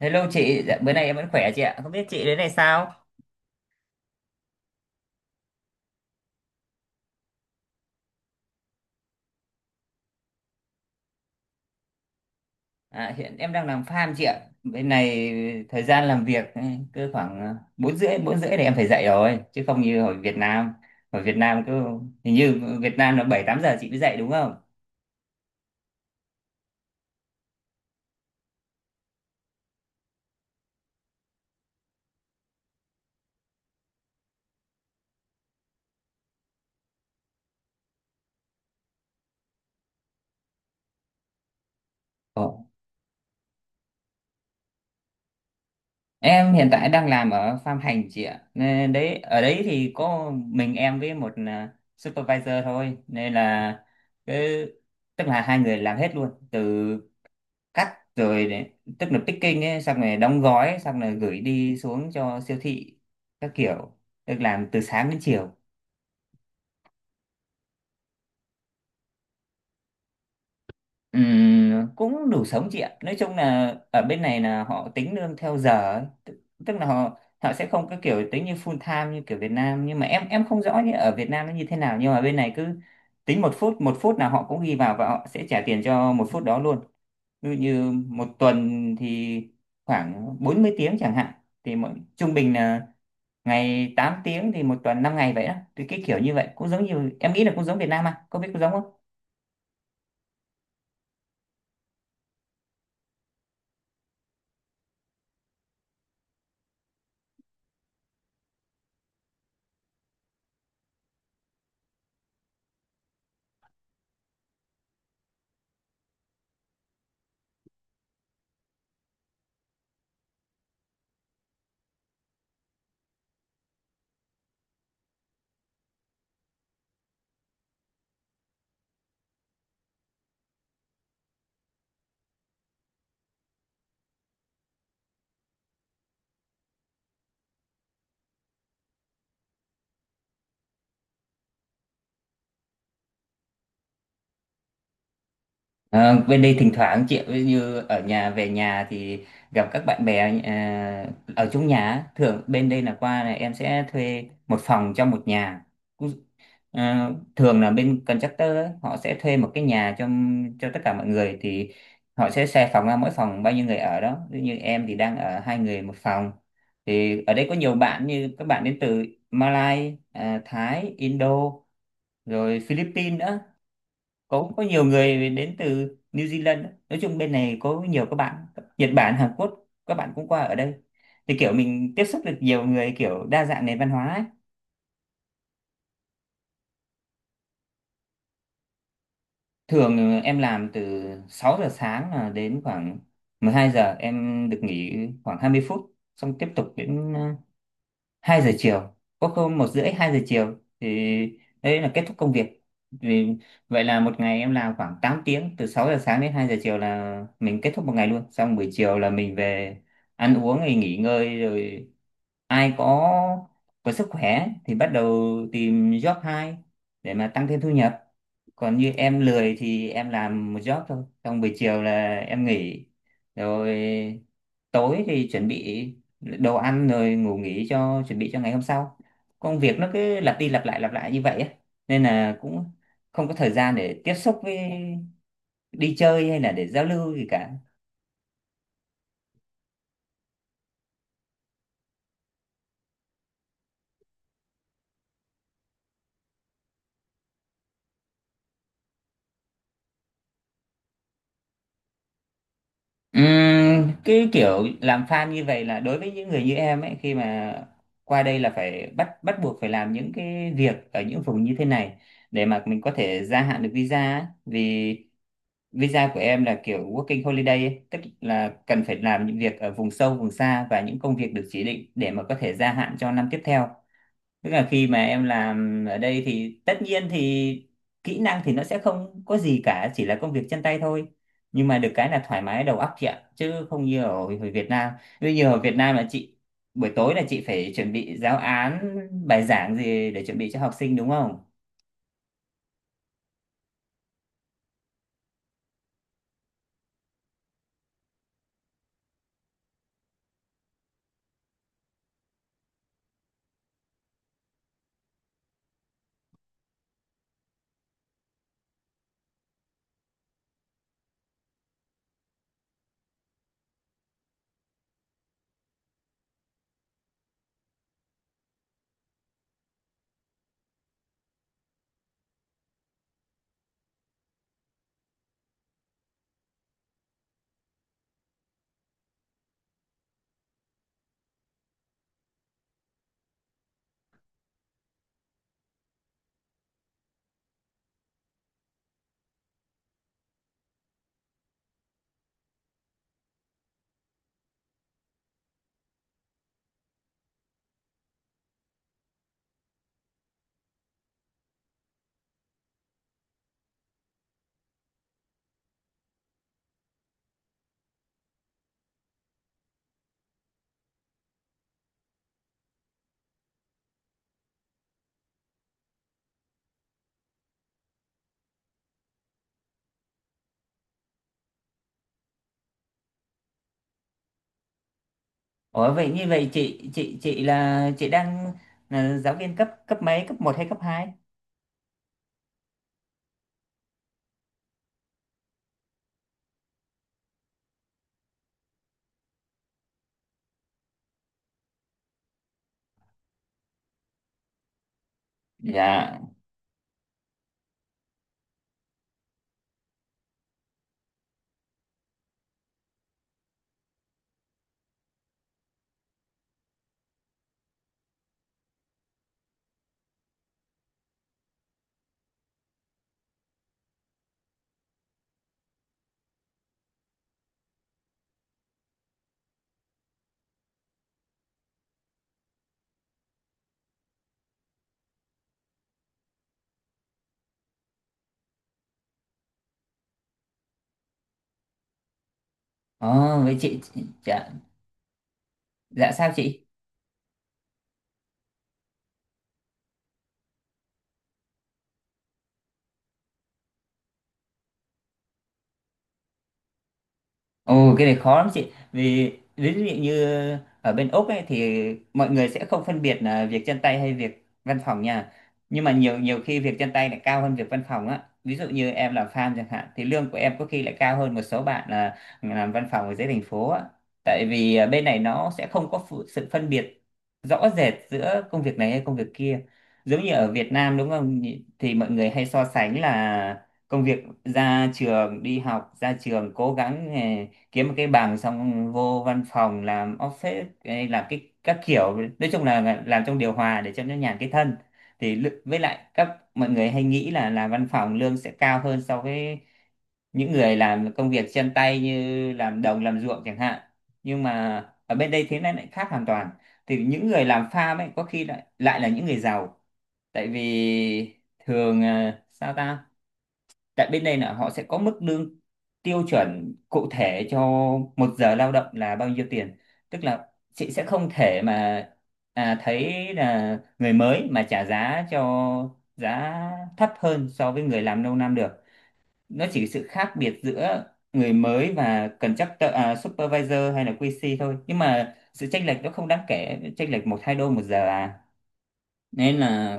Hello chị, dạ, bữa nay em vẫn khỏe chị ạ. Không biết chị đến này sao? À, hiện em đang làm farm chị ạ. Bên này thời gian làm việc ấy, cứ khoảng bốn rưỡi thì em phải dậy rồi, chứ không như ở Việt Nam. Ở Việt Nam cứ hình như Việt Nam là 7 8 giờ chị mới dậy đúng không? Ồ. Em hiện tại đang làm ở farm hành chị ạ, nên đấy ở đấy thì có mình em với một supervisor thôi, nên là cứ tức là hai người làm hết luôn từ cắt rồi để, tức là picking ấy, xong rồi đóng gói, xong rồi gửi đi xuống cho siêu thị các kiểu, được làm từ sáng đến chiều. Cũng đủ sống chị ạ. Nói chung là ở bên này là họ tính lương theo giờ ấy. Tức là họ họ sẽ không có kiểu tính như full time như kiểu Việt Nam, nhưng mà em không rõ như ở Việt Nam nó như thế nào, nhưng mà bên này cứ tính một phút là họ cũng ghi vào và họ sẽ trả tiền cho một phút đó luôn. Ví dụ như một tuần thì khoảng 40 tiếng chẳng hạn, thì mỗi trung bình là ngày 8 tiếng, thì một tuần 5 ngày vậy đó, thì cái kiểu như vậy cũng giống như, em nghĩ là cũng giống Việt Nam à, có biết cũng giống không? Ờ, bên đây thỉnh thoảng chị ví như ở nhà về nhà thì gặp các bạn bè ở chung nhà á. Thường bên đây là qua là em sẽ thuê một phòng trong một nhà. À, Thường là bên contractor ấy, họ sẽ thuê một cái nhà cho tất cả mọi người, thì họ sẽ xe phòng ra, mỗi phòng bao nhiêu người ở đó. Ví dụ như em thì đang ở hai người một phòng. Thì ở đây có nhiều bạn, như các bạn đến từ Malai Thái, Indo, rồi Philippines nữa, có nhiều người đến từ New Zealand nữa. Nói chung bên này có nhiều các bạn Nhật Bản, Hàn Quốc, các bạn cũng qua ở đây, thì kiểu mình tiếp xúc được nhiều người, kiểu đa dạng nền văn hóa ấy. Thường em làm từ 6 giờ sáng là đến khoảng 12 giờ em được nghỉ khoảng 20 phút, xong tiếp tục đến 2 giờ chiều, có hôm 1:30 2 giờ chiều, thì đấy là kết thúc công việc. Vì vậy là một ngày em làm khoảng 8 tiếng, từ 6 giờ sáng đến 2 giờ chiều là mình kết thúc một ngày luôn. Xong buổi chiều là mình về ăn uống rồi nghỉ ngơi, rồi ai có sức khỏe thì bắt đầu tìm job hai để mà tăng thêm thu nhập. Còn như em lười thì em làm một job thôi, xong buổi chiều là em nghỉ, rồi tối thì chuẩn bị đồ ăn rồi ngủ nghỉ, cho chuẩn bị cho ngày hôm sau. Công việc nó cứ lặp đi lặp lại như vậy á, nên là cũng không có thời gian để tiếp xúc với, đi chơi hay là để giao lưu gì cả. Cái kiểu làm fan như vậy là, đối với những người như em ấy, khi mà qua đây là phải bắt bắt buộc phải làm những cái việc ở những vùng như thế này để mà mình có thể gia hạn được visa ấy. Vì visa của em là kiểu working holiday ấy, tức là cần phải làm những việc ở vùng sâu vùng xa và những công việc được chỉ định để mà có thể gia hạn cho năm tiếp theo. Tức là khi mà em làm ở đây thì tất nhiên thì kỹ năng thì nó sẽ không có gì cả, chỉ là công việc chân tay thôi. Nhưng mà được cái là thoải mái đầu óc chị ạ, chứ không như ở Việt Nam. Bây giờ ở Việt Nam là chị buổi tối là chị phải chuẩn bị giáo án, bài giảng gì để chuẩn bị cho học sinh đúng không? Ủa vậy, như vậy chị là chị đang là giáo viên cấp cấp mấy, cấp một hay cấp hai? Dạ. Ồ vậy chị, chị. Dạ. Dạ sao chị? Ồ, cái này khó lắm chị. Vì ví dụ như ở bên Úc ấy, thì mọi người sẽ không phân biệt là việc chân tay hay việc văn phòng nha. Nhưng mà nhiều nhiều khi việc chân tay lại cao hơn việc văn phòng á. Ví dụ như em làm farm chẳng hạn, thì lương của em có khi lại cao hơn một số bạn là làm văn phòng ở dưới thành phố á. Tại vì bên này nó sẽ không có sự phân biệt rõ rệt giữa công việc này hay công việc kia. Giống như ở Việt Nam đúng không nhỉ? Thì mọi người hay so sánh là công việc ra trường, đi học ra trường cố gắng kiếm một cái bằng, xong vô văn phòng làm office ấy, làm cái các kiểu, nói chung là làm trong điều hòa để cho nó nhàn cái thân. Thì với lại các mọi người hay nghĩ là làm văn phòng lương sẽ cao hơn so với những người làm công việc chân tay, như làm đồng làm ruộng chẳng hạn. Nhưng mà ở bên đây thế này lại khác hoàn toàn, thì những người làm farm ấy có khi lại lại là những người giàu. Tại vì thường ờ, sao ta tại bên đây là họ sẽ có mức lương tiêu chuẩn cụ thể cho một giờ lao động là bao nhiêu tiền. Tức là chị sẽ không thể mà thấy là người mới mà trả giá cho giá thấp hơn so với người làm lâu năm được. Nó chỉ sự khác biệt giữa người mới và contractor, supervisor hay là QC thôi, nhưng mà sự chênh lệch nó không đáng kể, chênh lệch một hai đô một giờ à, nên là.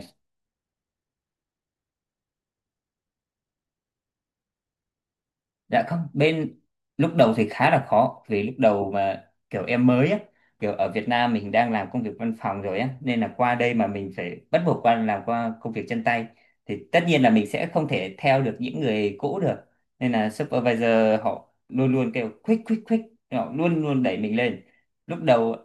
Dạ không, bên lúc đầu thì khá là khó, vì lúc đầu mà kiểu em mới á, kiểu ở Việt Nam mình đang làm công việc văn phòng rồi á, nên là qua đây mà mình phải bắt buộc qua làm qua công việc chân tay, thì tất nhiên là mình sẽ không thể theo được những người cũ được. Nên là supervisor họ luôn luôn kêu quick quick quick, họ luôn luôn đẩy mình lên. Lúc đầu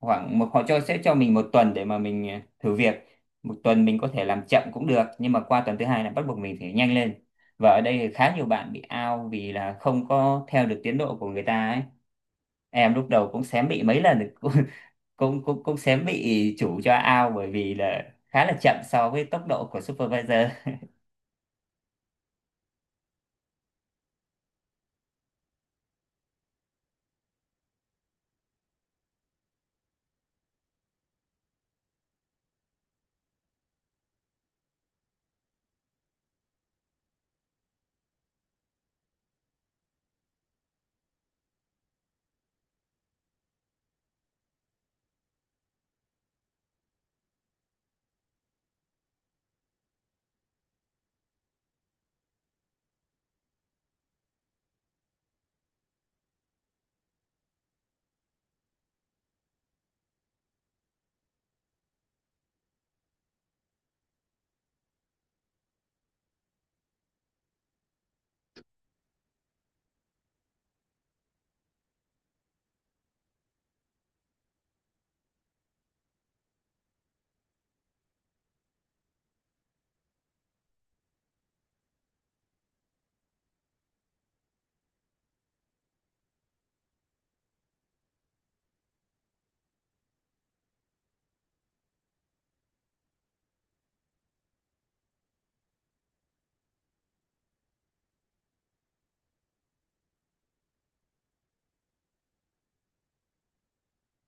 khoảng một, họ cho, sẽ cho mình một tuần để mà mình thử việc. Một tuần mình có thể làm chậm cũng được, nhưng mà qua tuần thứ hai là bắt buộc mình phải nhanh lên. Và ở đây thì khá nhiều bạn bị out vì là không có theo được tiến độ của người ta ấy. Em lúc đầu cũng xém bị mấy lần cũng cũng xém bị chủ cho out, bởi vì là khá là chậm so với tốc độ của supervisor.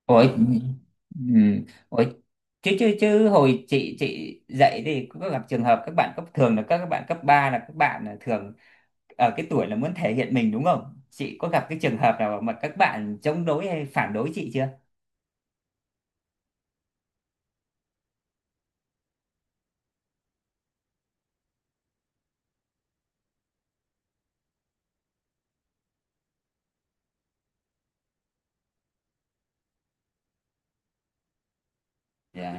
Ủa, ừ. Ủa, chứ chứ chứ hồi chị dạy thì có gặp trường hợp các bạn cấp, thường là các bạn cấp 3 là các bạn là thường ở cái tuổi là muốn thể hiện mình đúng không? Chị có gặp cái trường hợp nào mà các bạn chống đối hay phản đối chị chưa? Dạ.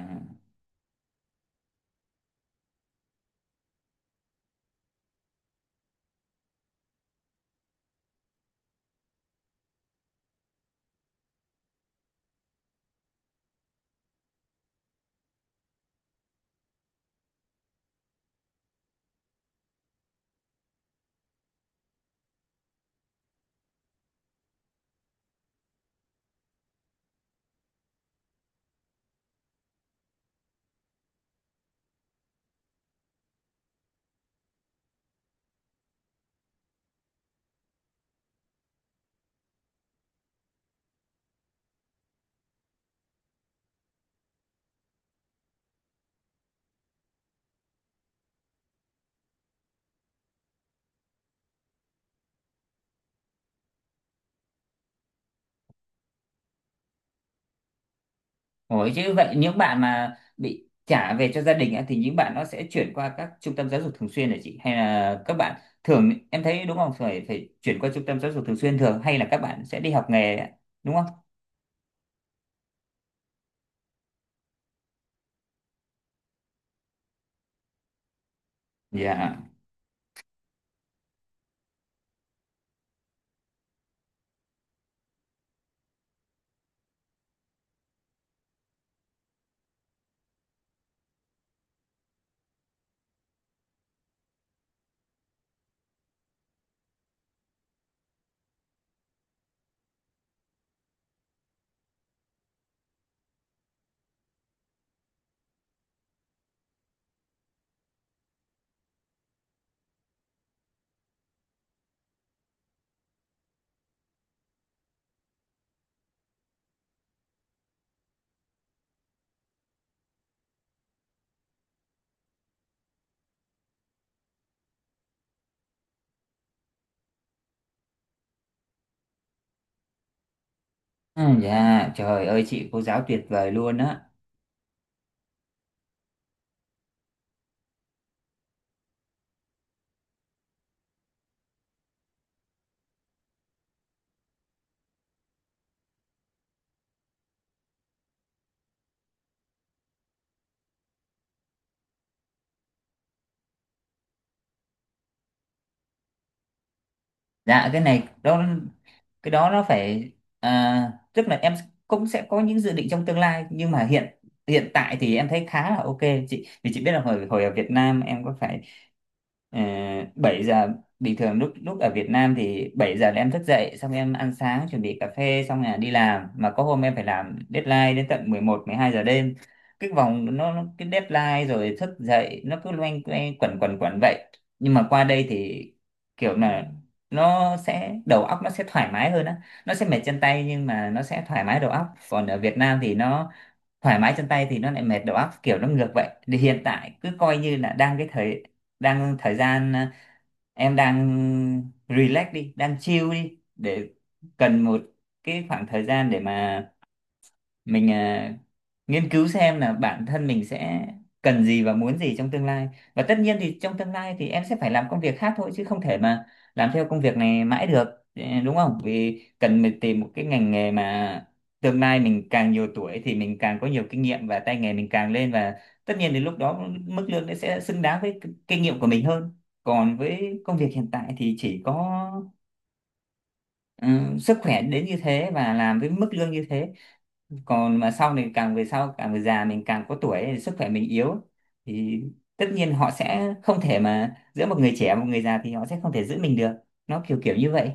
Ủa chứ vậy những bạn mà bị trả về cho gia đình á, thì những bạn nó sẽ chuyển qua các trung tâm giáo dục thường xuyên hả chị? Hay là các bạn thường em thấy đúng không? Phải phải chuyển qua trung tâm giáo dục thường xuyên thường, hay là các bạn sẽ đi học nghề ạ? Đúng không? Dạ. À, dạ, trời ơi chị cô giáo tuyệt vời luôn á. Dạ cái này đó, cái đó nó phải, tức là em cũng sẽ có những dự định trong tương lai, nhưng mà hiện hiện tại thì em thấy khá là ok chị. Vì chị biết là hồi hồi ở Việt Nam em có phải. Ờ, 7 giờ bình thường, lúc lúc ở Việt Nam thì 7 giờ là em thức dậy, xong em ăn sáng chuẩn bị cà phê xong là đi làm, mà có hôm em phải làm deadline đến tận 11 12 giờ đêm. Cái vòng nó cái deadline rồi thức dậy, nó cứ loanh quanh quẩn quẩn quẩn vậy. Nhưng mà qua đây thì kiểu là nó sẽ đầu óc nó sẽ thoải mái hơn á, nó sẽ mệt chân tay nhưng mà nó sẽ thoải mái đầu óc. Còn ở Việt Nam thì nó thoải mái chân tay thì nó lại mệt đầu óc, kiểu nó ngược vậy. Thì hiện tại cứ coi như là đang cái thời, đang thời gian em đang relax đi, đang chill đi, để cần một cái khoảng thời gian để mà mình nghiên cứu xem là bản thân mình sẽ cần gì và muốn gì trong tương lai. Và tất nhiên thì trong tương lai thì em sẽ phải làm công việc khác thôi, chứ không thể mà làm theo công việc này mãi được. Ừ, đúng không, vì cần mình tìm một cái ngành nghề mà tương lai mình càng nhiều tuổi thì mình càng có nhiều kinh nghiệm, và tay nghề mình càng lên, và tất nhiên đến lúc đó mức lương nó sẽ xứng đáng với kinh nghiệm của mình hơn. Còn với công việc hiện tại thì chỉ có, ừ, sức khỏe đến như thế và làm với mức lương như thế. Còn mà sau này càng về sau, càng về già, mình càng có tuổi ấy, sức khỏe mình yếu, thì tất nhiên họ sẽ không thể mà giữa một người trẻ và một người già thì họ sẽ không thể giữ mình được. Nó kiểu kiểu như vậy.